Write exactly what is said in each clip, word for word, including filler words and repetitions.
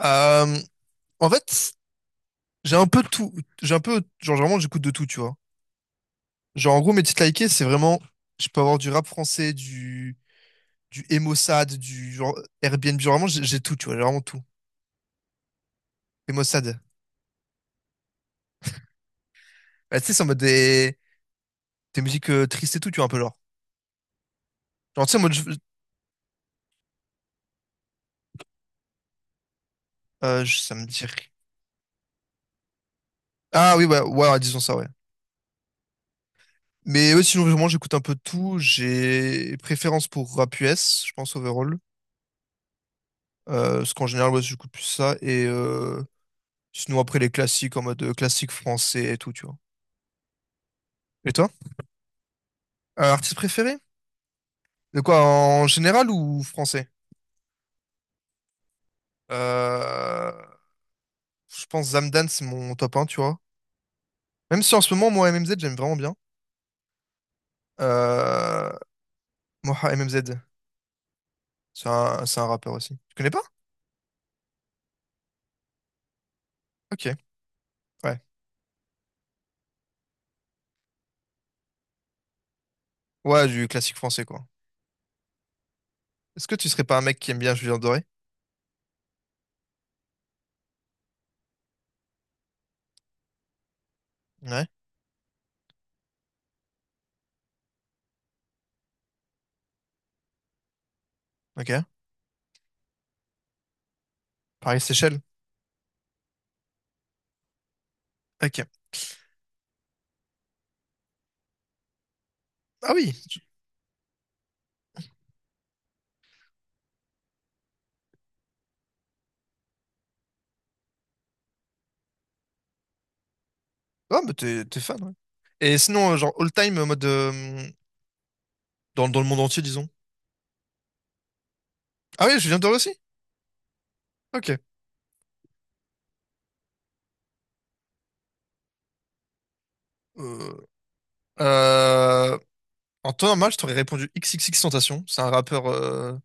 Euh, En fait, j'ai un peu de tout. J'ai un peu, genre, vraiment, j'écoute de tout, tu vois. Genre, en gros, mes titres likés, c'est vraiment, je peux avoir du rap français, du, du Emo Sad, du genre Airbnb. Genre, vraiment, j'ai j'ai tout, tu vois, j'ai vraiment tout. Emo Sad. Bah, tu sais, c'est en mode des, des musiques euh, tristes et tout, tu vois, un peu genre. Genre, tu sais, en mode, je- euh, je- ça me dit. Ah oui, ouais, ouais, ouais, disons ça, ouais. Mais ouais, sinon, vraiment, j'écoute un peu de tout. J'ai préférence pour rap U S, je pense, overall. Euh, parce qu'en général, ouais, j'écoute plus ça. Et euh, sinon, après, les classiques en mode euh, classique français et tout, tu vois. Et toi? Euh, artiste préféré? De quoi, en général ou français? Euh, je pense Zamdan, c'est mon top un, tu vois. Même si en ce moment, moi, M M Z, j'aime vraiment bien. Euh, Moha M M Z, c'est un, c'est un rappeur aussi. Tu connais pas? Ok, ouais. Ouais, du classique français, quoi. Est-ce que tu serais pas un mec qui aime bien Julien Doré? Ouais, ok. Pareil, Seychelles. Ok. Ah oui. Ah, bah t'es t'es fan, ouais. Et sinon, euh, genre all time, euh, mode euh, dans, dans le monde entier, disons. Ah oui, Julien Doré aussi? Ok. Euh, euh, En temps normal, je t'aurais répondu X X X Tentation. C'est un rappeur euh,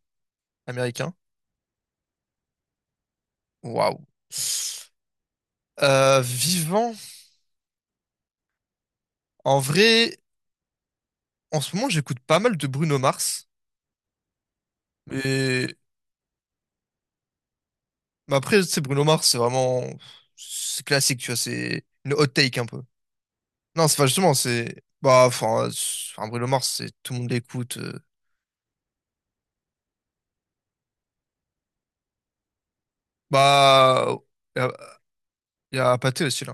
américain. Waouh. Euh, vivant. En vrai, en ce moment, j'écoute pas mal de Bruno Mars. Mais, mais après, tu sais, Bruno Mars, c'est vraiment. C'est classique, tu vois. C'est une hot take un peu. Non, c'est pas justement, c'est. Bah, enfin, euh, c'est- enfin, Bruno Mars, c'est tout le monde l'écoute. euh. Bah. Il y a, y a Pathé aussi, là.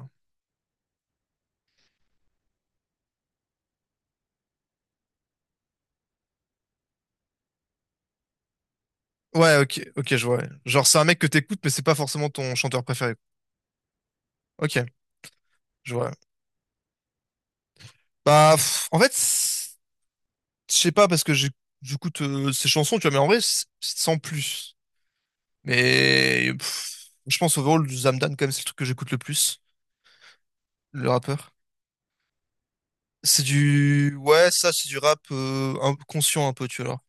Ouais, ok, ok, je vois. Ouais. Genre, c'est un mec que t'écoutes, mais c'est pas forcément ton chanteur préféré. Ok, je vois. Bah, pff, en fait, c'est- je sais pas parce que j'ai- j'écoute euh, ces chansons, tu vois, mais en vrai, c'est c'est sans plus. Mais pff, je pense overall, du Zamdan, quand même, c'est le truc que j'écoute le plus, le rappeur. C'est du. Ouais, ça, c'est du rap euh, un- conscient un peu, tu vois.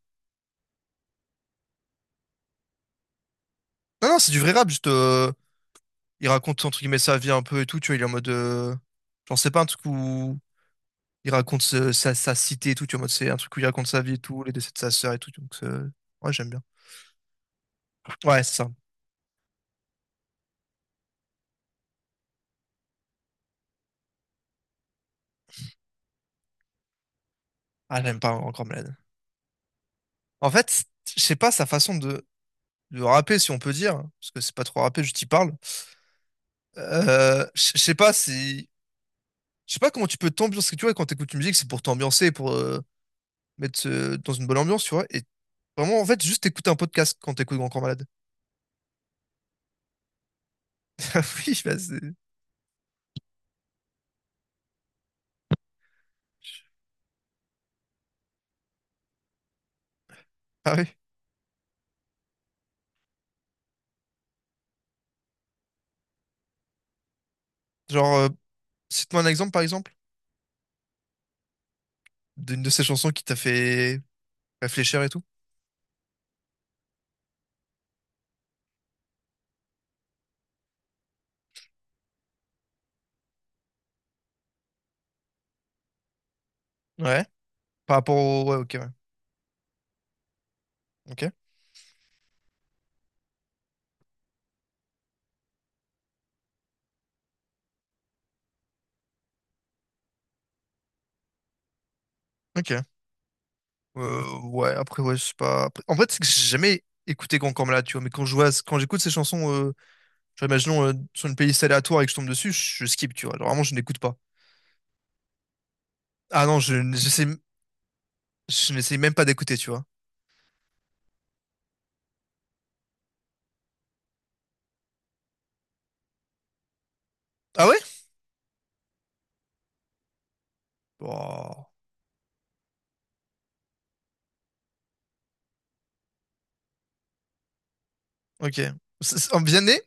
Non, non, c'est du vrai rap, juste. Euh, il raconte, entre guillemets, sa vie un peu et tout, tu vois, il est en mode. euh, J'en sais pas, un truc où il raconte ce- sa, sa cité et tout, tu vois, en mode, c'est un truc où il raconte sa vie et tout, les décès de sa sœur et tout, donc, euh, ouais, j'aime bien. Ouais, c'est ça. Ah, j'aime pas encore malade. En fait, je sais pas sa façon de, de rapper, si on peut dire, hein, parce que c'est pas trop rapper, je t'y parle. Euh, je je sais pas si, je sais pas comment tu peux t'ambiancer. Parce que tu vois, quand t'écoutes une musique, c'est pour t'ambiancer, pour euh, mettre euh, dans une bonne ambiance, tu vois. Et vraiment, en fait, juste écouter un podcast quand t'écoutes Grand Corps Malade. Ah oui, bah c'est. Ah oui. Genre, euh, cite-moi un exemple, par exemple, d'une de ces chansons qui t'a fait réfléchir et tout. Ouais. Par rapport au. Ouais, ok, ouais. Ok. Ok. Euh, ouais, après, ouais, je sais pas. Après- En fait, c'est que j'ai jamais écouté Grand Corps, tu vois. Mais quand je vois, quand j'écoute ces chansons, euh, genre, imaginons euh, sur une playlist aléatoire et que je tombe dessus, je, je skip, tu vois. Genre, vraiment, je n'écoute pas. Ah non, je n'essaie, je n'essaie même pas d'écouter, tu vois. Ah ouais? Oh, ok. C'est- c'est- En Vianney,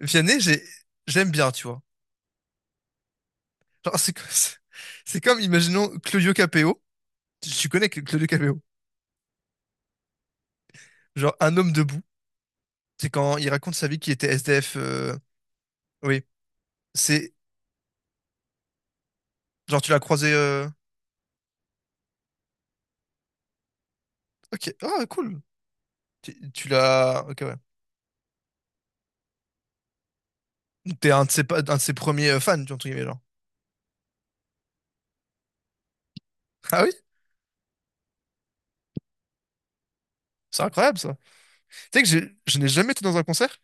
Vianney, j'ai, j'aime bien, tu vois. Genre, c'est, comme- c'est comme, imaginons Claudio Capéo. Tu tu connais que- Claudio Capéo? Genre, un homme debout. C'est quand il raconte sa vie qu'il était S D F. euh, Oui. C'est, genre, tu l'as croisé. euh, Ok, ah cool. Tu, tu l'as. Ok, ouais. Donc, t'es un de ses, pa- un de ses premiers euh, fans, tu vois, entre guillemets, genre. Ah oui? C'est incroyable, ça. Tu sais que j'ai- je n'ai jamais été dans un concert.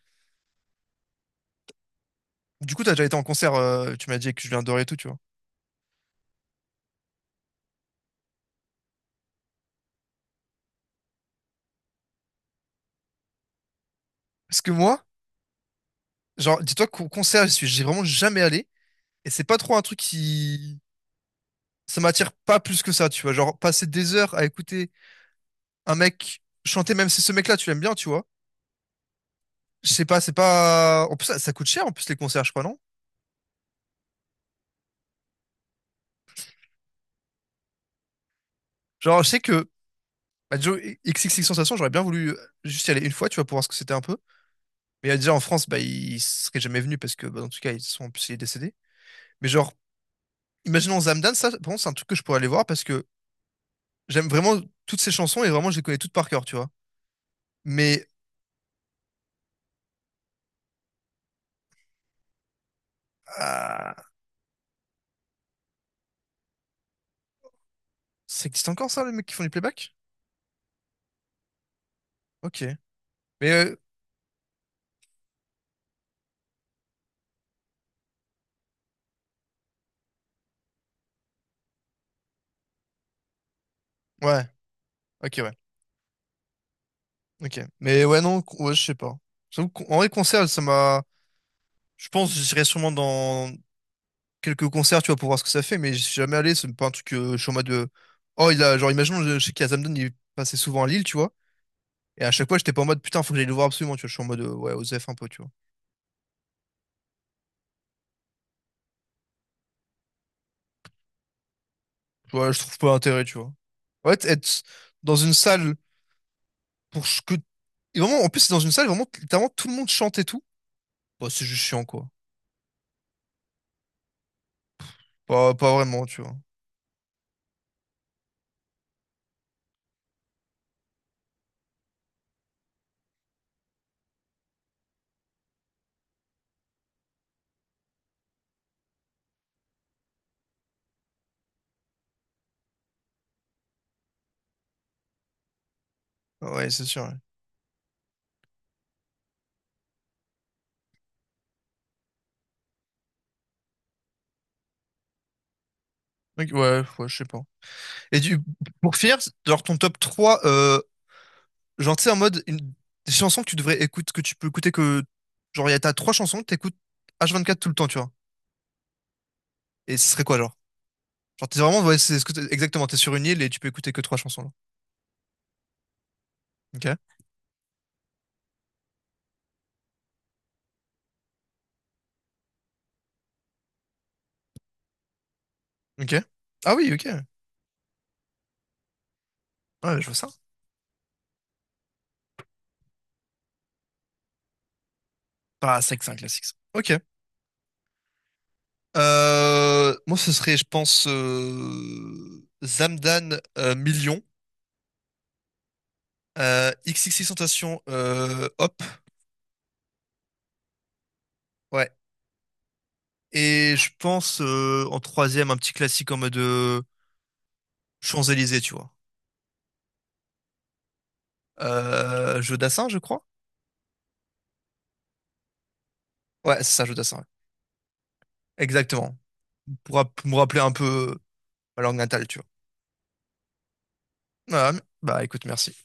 Du coup, t'as déjà été en concert, euh, tu m'as dit que je viens et tout, tu vois. Parce que moi, genre, dis-toi qu'au concert, je suis, j'ai vraiment jamais allé. Et c'est pas trop un truc qui. Ça m'attire pas plus que ça, tu vois. Genre, passer des heures à écouter un mec chanter, même si ce mec-là, tu l'aimes bien, tu vois. Je sais pas, c'est pas. En plus, ça, ça coûte cher, en plus, les concerts, je crois, non? Genre, je sais que. Bah, Joe, X X X Sensation, j'aurais bien voulu euh, juste y aller une fois, tu vois, pour voir ce que c'était un peu. Mais euh, déjà en France, bah, il serait jamais venu parce que, bah, en tout cas, ils sont, en plus, il est décédé. Mais genre, imaginons Zamdan, ça, par contre, c'est un truc que je pourrais aller voir parce que j'aime vraiment toutes ces chansons et vraiment, je les connais toutes par cœur, tu vois. Mais euh, ça existe encore ça, les mecs qui font du playback? Ok. Mais euh, ouais, ok, ouais, ok. Mais ouais, non, con- ouais, je sais pas. J'avoue qu'en- en vrai, concert, ça m'a. Je pense, que j'irai sûrement dans quelques concerts, tu vois, pour voir ce que ça fait, mais je suis jamais allé, c'est pas un truc, euh, je suis en mode. euh, Oh, il a, genre, imaginons, je je sais qu'il y a Zamdan, il passait souvent à Lille, tu vois. Et à chaque fois, j'étais pas en mode putain, faut que j'aille le voir absolument, tu vois. Je suis en mode euh, ouais, Osef un peu, tu vois. Tu vois, je trouve pas l'intérêt, tu vois. Ouais, t- être dans une salle pour ce que. Et vraiment, en plus, c'est dans une salle, vraiment, littéralement, tout le monde chante et tout. Bah, c'est juste chiant, quoi. Pas, pas vraiment, tu vois. Ah ouais, c'est sûr. Ouais, donc, ouais, ouais, je sais pas. Et du... pour finir, genre ton top trois, euh, genre, tu sais, en mode, une... des chansons que tu devrais écouter, que tu peux écouter que. Genre, il y a t'as trois chansons que t'écoutes H vingt-quatre tout le temps, tu vois. Et ce serait quoi, genre? Genre, t'es vraiment, ouais, c'est ce que t'es- exactement, t'es sur une île et tu peux écouter que trois chansons, là. Ok, ok. Ah oui, ok. Ouais, je vois ça. Bah, c'est que c'est un classique, ça. Ok. Euh, moi, ce serait, je pense, euh, Zamdan euh, Million, euh, XXXTentacion, euh, Hop. Ouais. Et je pense, euh, en troisième, un petit classique en mode euh, Champs-Élysées, tu vois. Euh, Jeu Dassin, je crois. Ouais, c'est ça, Jeu Dassin. Ouais. Exactement. Pour rapp- me rappeler un peu euh, ma langue natale, tu vois. Voilà. Bah, écoute, merci.